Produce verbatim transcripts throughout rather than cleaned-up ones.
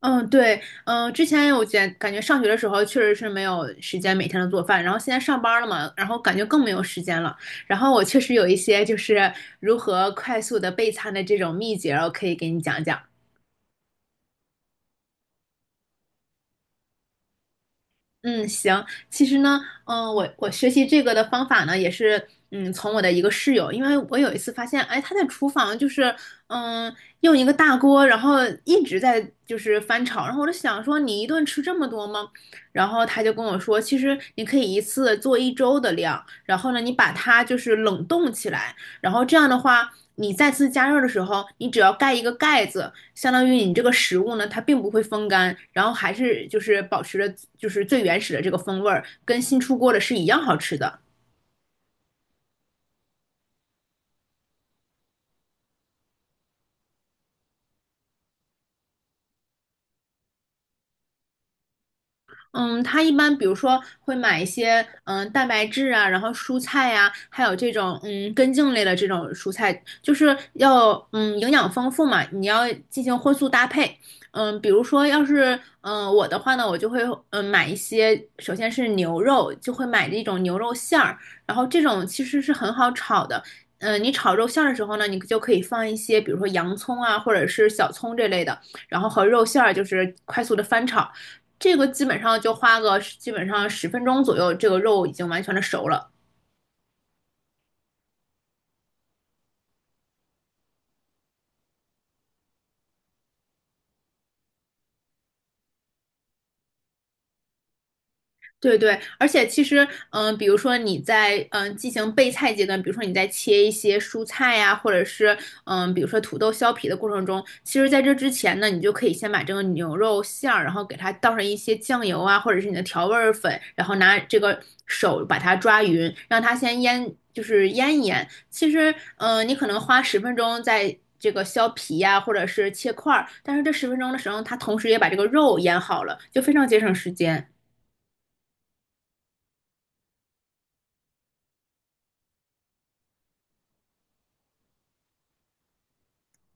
嗯，对，嗯，之前我觉感觉上学的时候确实是没有时间每天都做饭，然后现在上班了嘛，然后感觉更没有时间了。然后我确实有一些就是如何快速的备餐的这种秘诀，我可以给你讲讲。嗯，行。其实呢，嗯、我我学习这个的方法呢，也是嗯，从我的一个室友，因为我有一次发现，哎，他在厨房就是嗯，用一个大锅，然后一直在就是翻炒，然后我就想说，你一顿吃这么多吗？然后他就跟我说，其实你可以一次做一周的量，然后呢，你把它就是冷冻起来，然后这样的话，你再次加热的时候，你只要盖一个盖子，相当于你这个食物呢，它并不会风干，然后还是就是保持着就是最原始的这个风味儿，跟新出锅的是一样好吃的。嗯，他一般比如说会买一些嗯蛋白质啊，然后蔬菜呀、还有这种嗯根茎类的这种蔬菜，就是要嗯营养丰富嘛，你要进行荤素搭配。嗯，比如说要是嗯我的话呢，我就会嗯买一些，首先是牛肉，就会买这种牛肉馅儿，然后这种其实是很好炒的。嗯，你炒肉馅儿的时候呢，你就可以放一些，比如说洋葱啊，或者是小葱这类的，然后和肉馅儿就是快速的翻炒。这个基本上就花个基本上十分钟左右，这个肉已经完全的熟了。对对，而且其实，嗯、比如说你在嗯、呃进行备菜阶段，比如说你在切一些蔬菜呀、或者是嗯、比如说土豆削皮的过程中，其实在这之前呢，你就可以先把这个牛肉馅儿，然后给它倒上一些酱油啊，或者是你的调味儿粉，然后拿这个手把它抓匀，让它先腌，就是腌一腌。其实，嗯、你可能花十分钟在这个削皮呀、或者是切块儿，但是这十分钟的时候，它同时也把这个肉腌好了，就非常节省时间。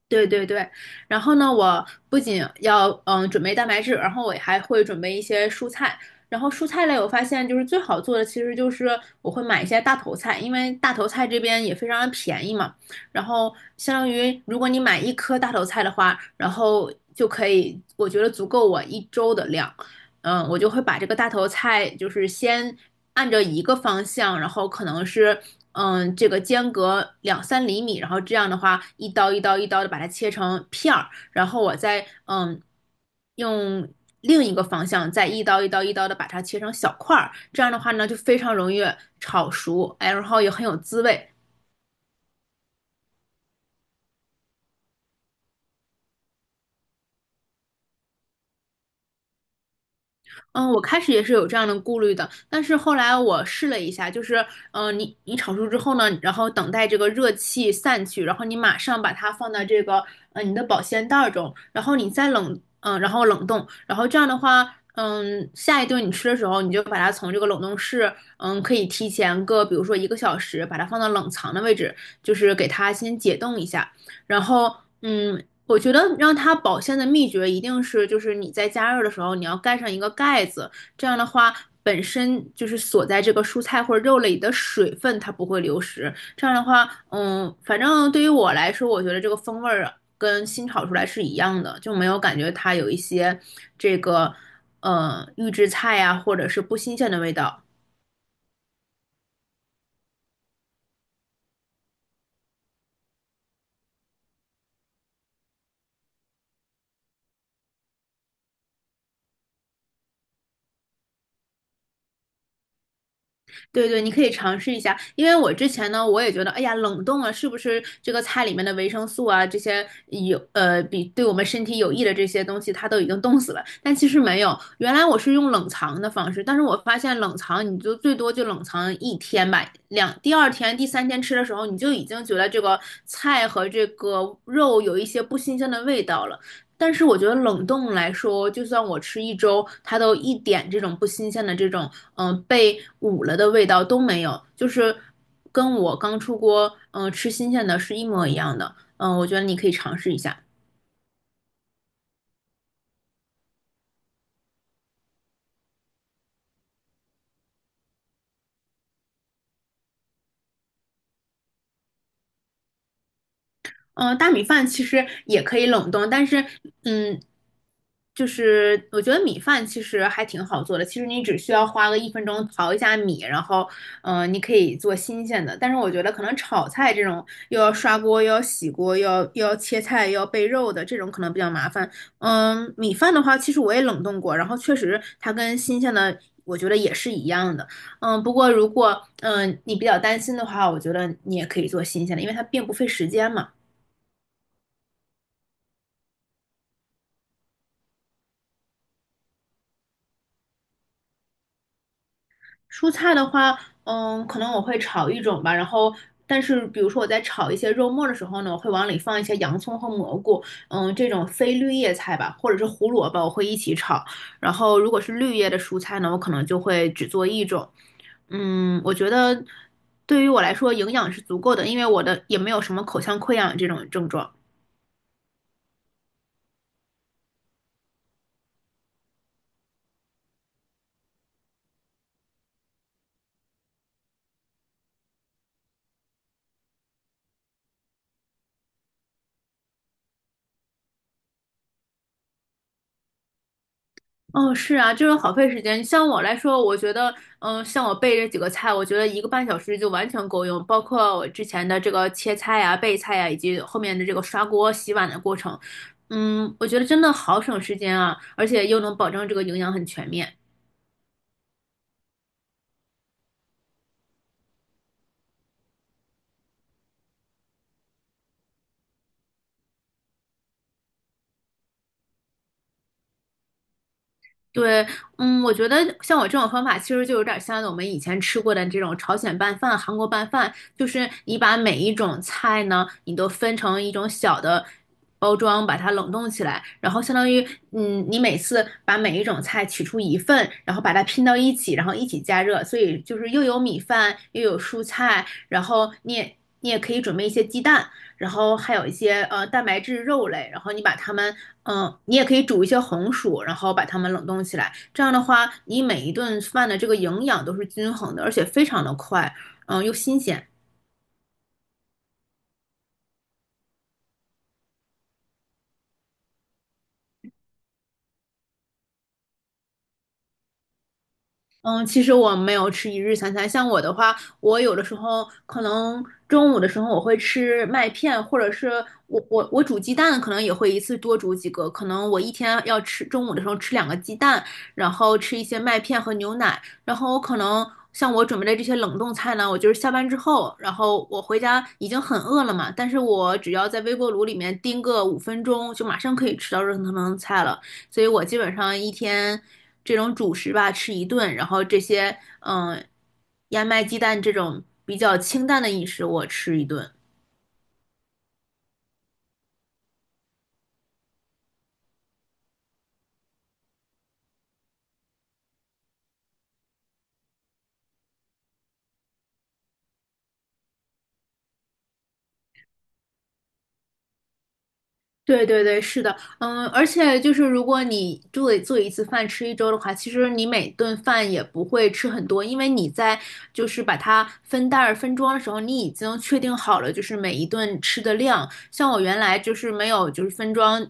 对对对，然后呢，我不仅要嗯准备蛋白质，然后我还会准备一些蔬菜。然后蔬菜类，我发现就是最好做的，其实就是我会买一些大头菜，因为大头菜这边也非常的便宜嘛。然后相当于如果你买一颗大头菜的话，然后就可以，我觉得足够我一周的量。嗯，我就会把这个大头菜就是先按着一个方向，然后可能是嗯，这个间隔两三厘米，然后这样的话，一刀一刀一刀的把它切成片儿，然后我再嗯用另一个方向再一刀一刀一刀的把它切成小块儿，这样的话呢就非常容易炒熟，哎，然后也很有滋味。嗯，我开始也是有这样的顾虑的，但是后来我试了一下，就是，嗯、你你炒熟之后呢，然后等待这个热气散去，然后你马上把它放到这个，呃，你的保鲜袋儿中，然后你再冷，嗯、然后冷冻，然后这样的话，嗯，下一顿你吃的时候，你就把它从这个冷冻室，嗯，可以提前个，比如说一个小时，把它放到冷藏的位置，就是给它先解冻一下，然后，嗯，我觉得让它保鲜的秘诀一定是，就是你在加热的时候，你要盖上一个盖子，这样的话，本身就是锁在这个蔬菜或者肉类里的水分，它不会流失。这样的话，嗯，反正对于我来说，我觉得这个风味儿跟新炒出来是一样的，就没有感觉它有一些这个呃预制菜呀、或者是不新鲜的味道。对对，你可以尝试一下，因为我之前呢，我也觉得，哎呀，冷冻啊，是不是这个菜里面的维生素啊，这些有呃比对我们身体有益的这些东西，它都已经冻死了。但其实没有，原来我是用冷藏的方式，但是我发现冷藏你就最多就冷藏一天吧，两第二天、第三天吃的时候，你就已经觉得这个菜和这个肉有一些不新鲜的味道了。但是我觉得冷冻来说，就算我吃一周，它都一点这种不新鲜的这种，嗯、被捂了的味道都没有，就是跟我刚出锅，嗯、吃新鲜的是一模一样的。嗯、我觉得你可以尝试一下。嗯、大米饭其实也可以冷冻，但是，嗯，就是我觉得米饭其实还挺好做的，其实你只需要花个一分钟淘一下米，然后，嗯、你可以做新鲜的。但是我觉得可能炒菜这种又要刷锅，又要洗锅，又要又要切菜，又要备肉的这种可能比较麻烦。嗯，米饭的话，其实我也冷冻过，然后确实它跟新鲜的，我觉得也是一样的。嗯，不过如果嗯你比较担心的话，我觉得你也可以做新鲜的，因为它并不费时间嘛。蔬菜的话，嗯，可能我会炒一种吧，然后，但是比如说我在炒一些肉末的时候呢，我会往里放一些洋葱和蘑菇，嗯，这种非绿叶菜吧，或者是胡萝卜，我会一起炒。然后，如果是绿叶的蔬菜呢，我可能就会只做一种。嗯，我觉得对于我来说，营养是足够的，因为我的也没有什么口腔溃疡这种症状。哦，是啊，就是好费时间。像我来说，我觉得，嗯，像我备这几个菜，我觉得一个半小时就完全够用，包括我之前的这个切菜呀、备菜呀，以及后面的这个刷锅、洗碗的过程。嗯，我觉得真的好省时间啊，而且又能保证这个营养很全面。对，嗯，我觉得像我这种方法，其实就有点像我们以前吃过的这种朝鲜拌饭、韩国拌饭，就是你把每一种菜呢，你都分成一种小的包装，把它冷冻起来，然后相当于，嗯，你每次把每一种菜取出一份，然后把它拼到一起，然后一起加热，所以就是又有米饭，又有蔬菜，然后你也你也可以准备一些鸡蛋，然后还有一些呃蛋白质肉类，然后你把它们，嗯、呃你也可以煮一些红薯，然后把它们冷冻起来。这样的话，你每一顿饭的这个营养都是均衡的，而且非常的快，嗯、呃又新鲜。嗯，其实我没有吃一日三餐。像我的话，我有的时候可能中午的时候我会吃麦片，或者是我我我煮鸡蛋，可能也会一次多煮几个。可能我一天要吃中午的时候吃两个鸡蛋，然后吃一些麦片和牛奶。然后我可能像我准备的这些冷冻菜呢，我就是下班之后，然后我回家已经很饿了嘛，但是我只要在微波炉里面叮个五分钟，就马上可以吃到热腾腾的菜了。所以我基本上一天这种主食吧吃一顿，然后这些嗯、呃燕麦鸡蛋这种比较清淡的饮食我吃一顿。对对对，是的，嗯，而且就是如果你做做一次饭吃一周的话，其实你每顿饭也不会吃很多，因为你在就是把它分袋儿分装的时候，你已经确定好了就是每一顿吃的量。像我原来就是没有就是分装，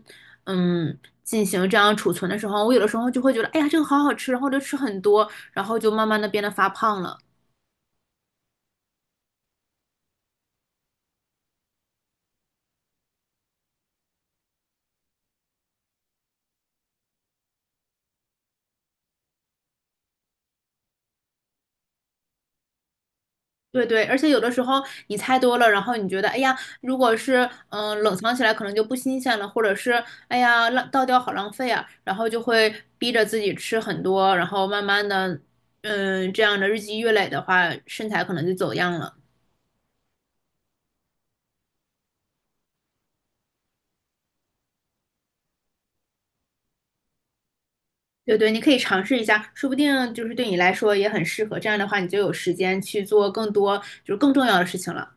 嗯，进行这样储存的时候，我有的时候就会觉得，哎呀，这个好好吃，然后就吃很多，然后就慢慢的变得发胖了。对对，而且有的时候你猜多了，然后你觉得，哎呀，如果是嗯、呃冷藏起来可能就不新鲜了，或者是哎呀浪倒掉好浪费啊，然后就会逼着自己吃很多，然后慢慢的，嗯，这样的日积月累的话，身材可能就走样了。对对，你可以尝试一下，说不定就是对你来说也很适合。这样的话，你就有时间去做更多就是更重要的事情了。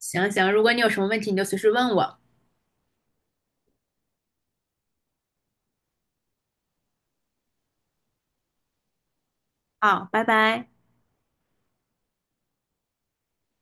行行，如果你有什么问题，你就随时问我。好，拜拜。